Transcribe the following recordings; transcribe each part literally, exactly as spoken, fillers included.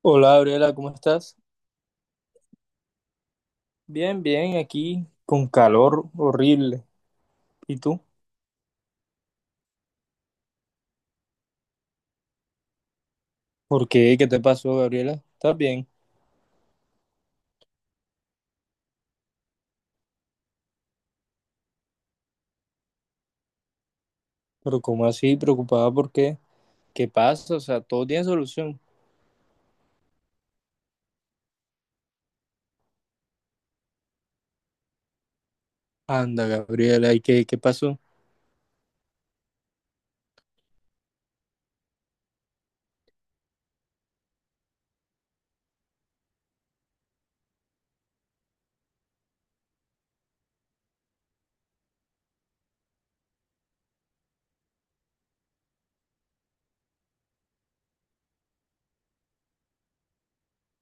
Hola, Gabriela, ¿cómo estás? Bien, bien, aquí con calor horrible. ¿Y tú? ¿Por qué? ¿Qué te pasó, Gabriela? ¿Estás bien? Pero ¿cómo así? ¿Preocupada por qué? ¿Qué pasa? O sea, todo tiene solución. Anda, Gabriela, ¿y qué, qué pasó?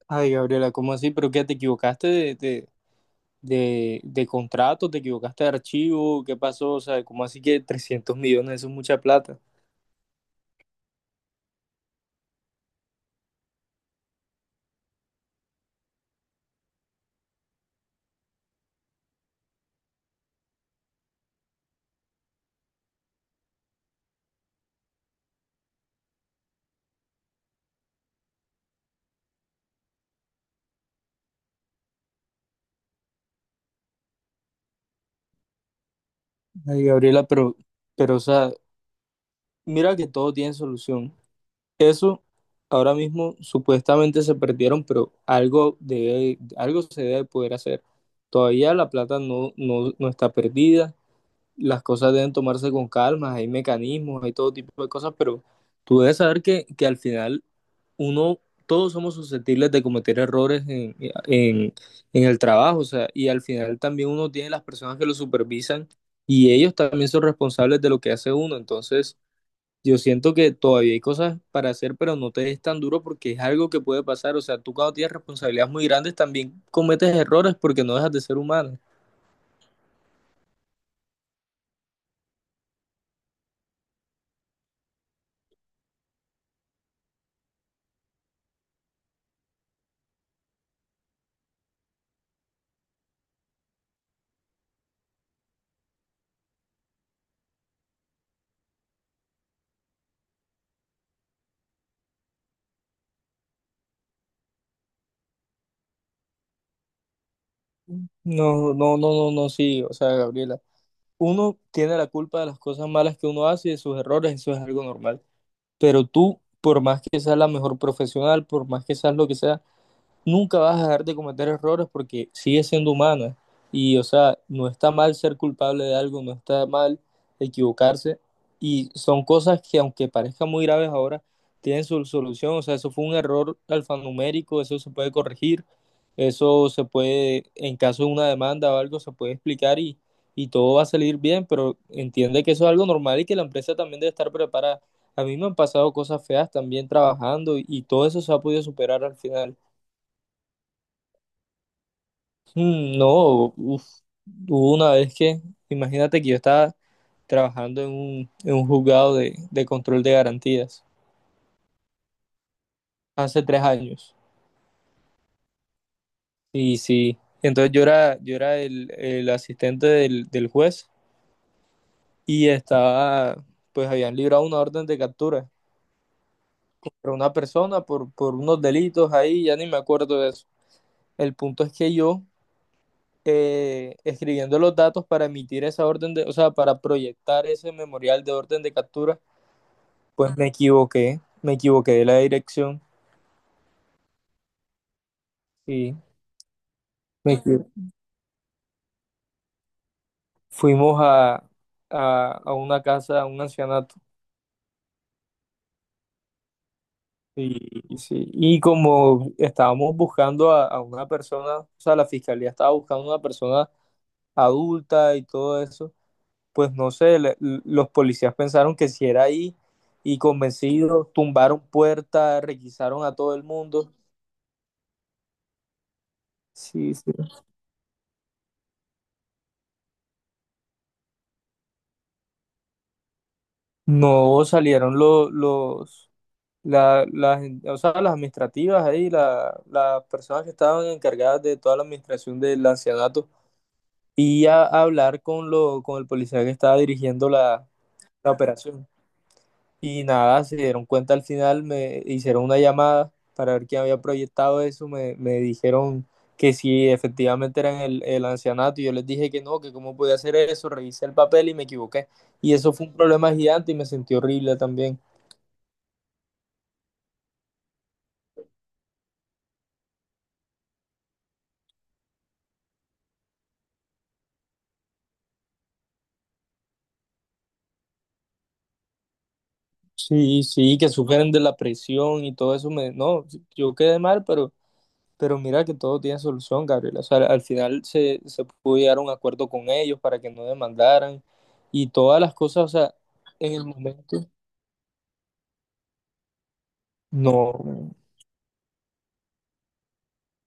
Ay, Gabriela, ¿cómo así? ¿Pero qué? ¿Te equivocaste de, de, de, de contrato? ¿Te equivocaste de archivo? ¿Qué pasó? O sea, ¿cómo así que trescientos millones? Eso es mucha plata. Ay, Gabriela, pero, pero, o sea, mira que todo tiene solución. Eso ahora mismo supuestamente se perdieron, pero algo debe- algo se debe poder hacer. Todavía la plata no, no, no está perdida, las cosas deben tomarse con calma, hay mecanismos, hay todo tipo de cosas, pero tú debes saber que, que al final uno, todos somos susceptibles de cometer errores en, en, en el trabajo, o sea, y al final también uno tiene las personas que lo supervisan y ellos también son responsables de lo que hace uno, entonces... Yo siento que todavía hay cosas para hacer, pero no te es tan duro porque es algo que puede pasar. O sea, tú cuando tienes responsabilidades muy grandes también cometes errores porque no dejas de ser humano. No, no, no, no, no, sí. O sea, Gabriela, uno tiene la culpa de las cosas malas que uno hace y de sus errores, eso es algo normal. Pero tú, por más que seas la mejor profesional, por más que seas lo que sea, nunca vas a dejar de cometer errores porque sigues siendo humana. Y, o sea, no está mal ser culpable de algo, no está mal equivocarse. Y son cosas que, aunque parezcan muy graves ahora, tienen su solución. O sea, eso fue un error alfanumérico, eso se puede corregir, eso se puede, en caso de una demanda o algo, se puede explicar y, y todo va a salir bien. Pero entiende que eso es algo normal y que la empresa también debe estar preparada. A mí me han pasado cosas feas también trabajando y, y todo eso se ha podido superar al final. Mm, no, uf, hubo una vez que, imagínate que yo estaba trabajando en un, en un juzgado de, de control de garantías hace tres años. Y sí, entonces yo era, yo era el, el asistente del, del juez y estaba, pues habían librado una orden de captura para una persona por, por unos delitos ahí, ya ni me acuerdo de eso. El punto es que yo, eh, escribiendo los datos para emitir esa orden de, o sea, para proyectar ese memorial de orden de captura, pues me equivoqué, me equivoqué de la dirección y me equi- fuimos a, a, a una casa, a un ancianato. Y, y sí, y como estábamos buscando a, a una persona, o sea, la fiscalía estaba buscando a una persona adulta y todo eso, pues no sé, le- l- los policías pensaron que si era ahí y convencidos, tumbaron puertas, requisaron a todo el mundo. Sí, sí. No salieron los, los La, las, o sea, las administrativas ahí, la- las personas que estaban encargadas de toda la administración del ancianato y a, a hablar con, lo, con el policía que estaba dirigiendo la, la operación. Y nada, se dieron cuenta al final, me hicieron una llamada para ver quién había proyectado eso, me, me dijeron que si efectivamente eran el, el ancianato y yo les dije que no, que cómo podía hacer eso, revisé el papel y me equivoqué. Y eso fue un problema gigante y me sentí horrible también. Sí, sí, que sufren de la presión y todo eso. Me, no, yo quedé mal, pero, pero mira que todo tiene solución, Gabriela. O sea, al final se, se pudo llegar a un acuerdo con ellos para que no demandaran y todas las cosas. O sea, en el momento, no,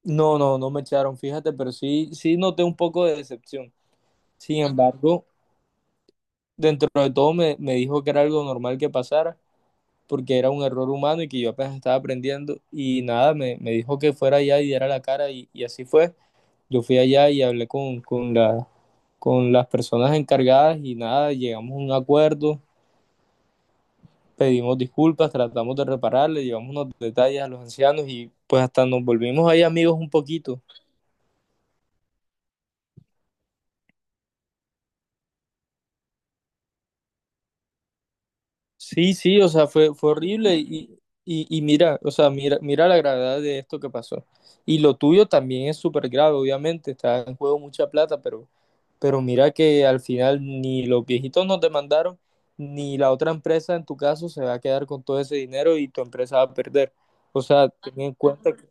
no, no, no me echaron, fíjate, pero sí, sí noté un poco de decepción. Sin embargo, dentro de todo me, me dijo que era algo normal que pasara, porque era un error humano y que yo apenas estaba aprendiendo. Y nada, me, me dijo que fuera allá y diera la cara y y así fue. Yo fui allá y hablé con, con la, con las personas encargadas y nada, llegamos a un acuerdo, pedimos disculpas, tratamos de repararle, llevamos unos detalles a los ancianos y pues hasta nos volvimos ahí amigos un poquito. Sí, sí, o sea, fue, fue horrible y, y, y mira, o sea, mira, mira la gravedad de esto que pasó. Y lo tuyo también es súper grave, obviamente, está en juego mucha plata, pero Pero mira que al final ni los viejitos nos demandaron, ni la otra empresa en tu caso se va a quedar con todo ese dinero y tu empresa va a perder. O sea, ten en cuenta que...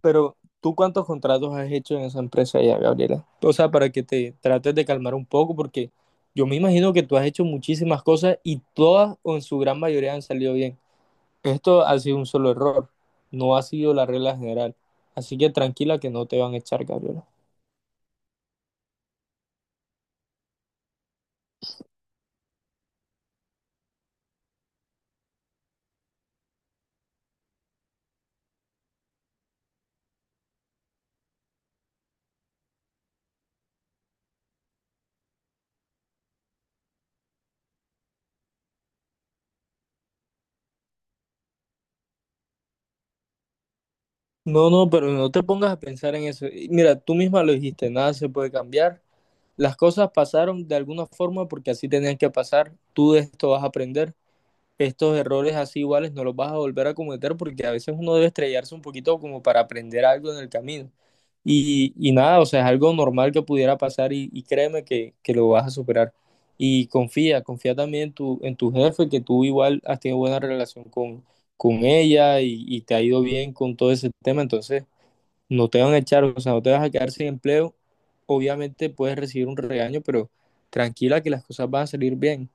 Pero ¿tú cuántos contratos has hecho en esa empresa ya, Gabriela? O sea, para que te trates de calmar un poco, porque yo me imagino que tú has hecho muchísimas cosas y todas o en su gran mayoría han salido bien. Esto ha sido un solo error, no ha sido la regla general. Así que tranquila que no te van a echar, Gabriela. No, no, pero no te pongas a pensar en eso. Y mira, tú misma lo dijiste, nada se puede cambiar. Las cosas pasaron de alguna forma porque así tenían que pasar. Tú de esto vas a aprender. Estos errores así iguales no los vas a volver a cometer porque a veces uno debe estrellarse un poquito como para aprender algo en el camino. Y, y nada, o sea, es algo normal que pudiera pasar y, y créeme que, que lo vas a superar. Y confía, confía también en tu, en tu jefe, que tú igual has tenido buena relación con, con ella y y te ha ido bien con todo ese tema. Entonces no te van a echar, o sea, no te vas a quedar sin empleo. Obviamente puedes recibir un regaño, pero tranquila que las cosas van a salir bien.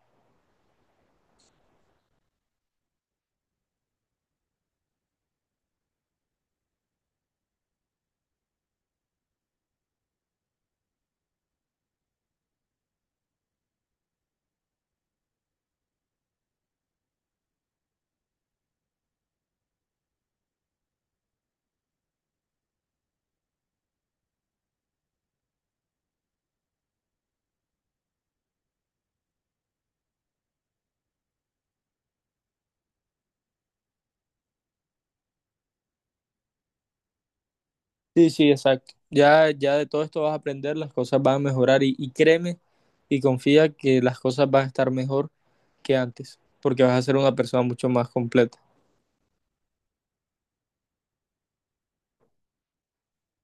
Sí, sí, exacto. Ya, ya de todo esto vas a aprender, las cosas van a mejorar y, y créeme y confía que las cosas van a estar mejor que antes, porque vas a ser una persona mucho más completa.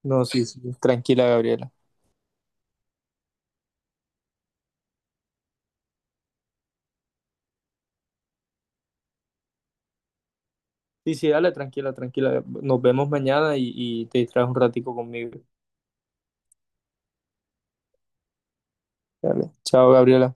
No, sí, sí, tranquila, Gabriela. Sí, sí, dale, tranquila, tranquila. Nos vemos mañana y, y te distraes un ratico conmigo. Dale. Chao, Gabriela.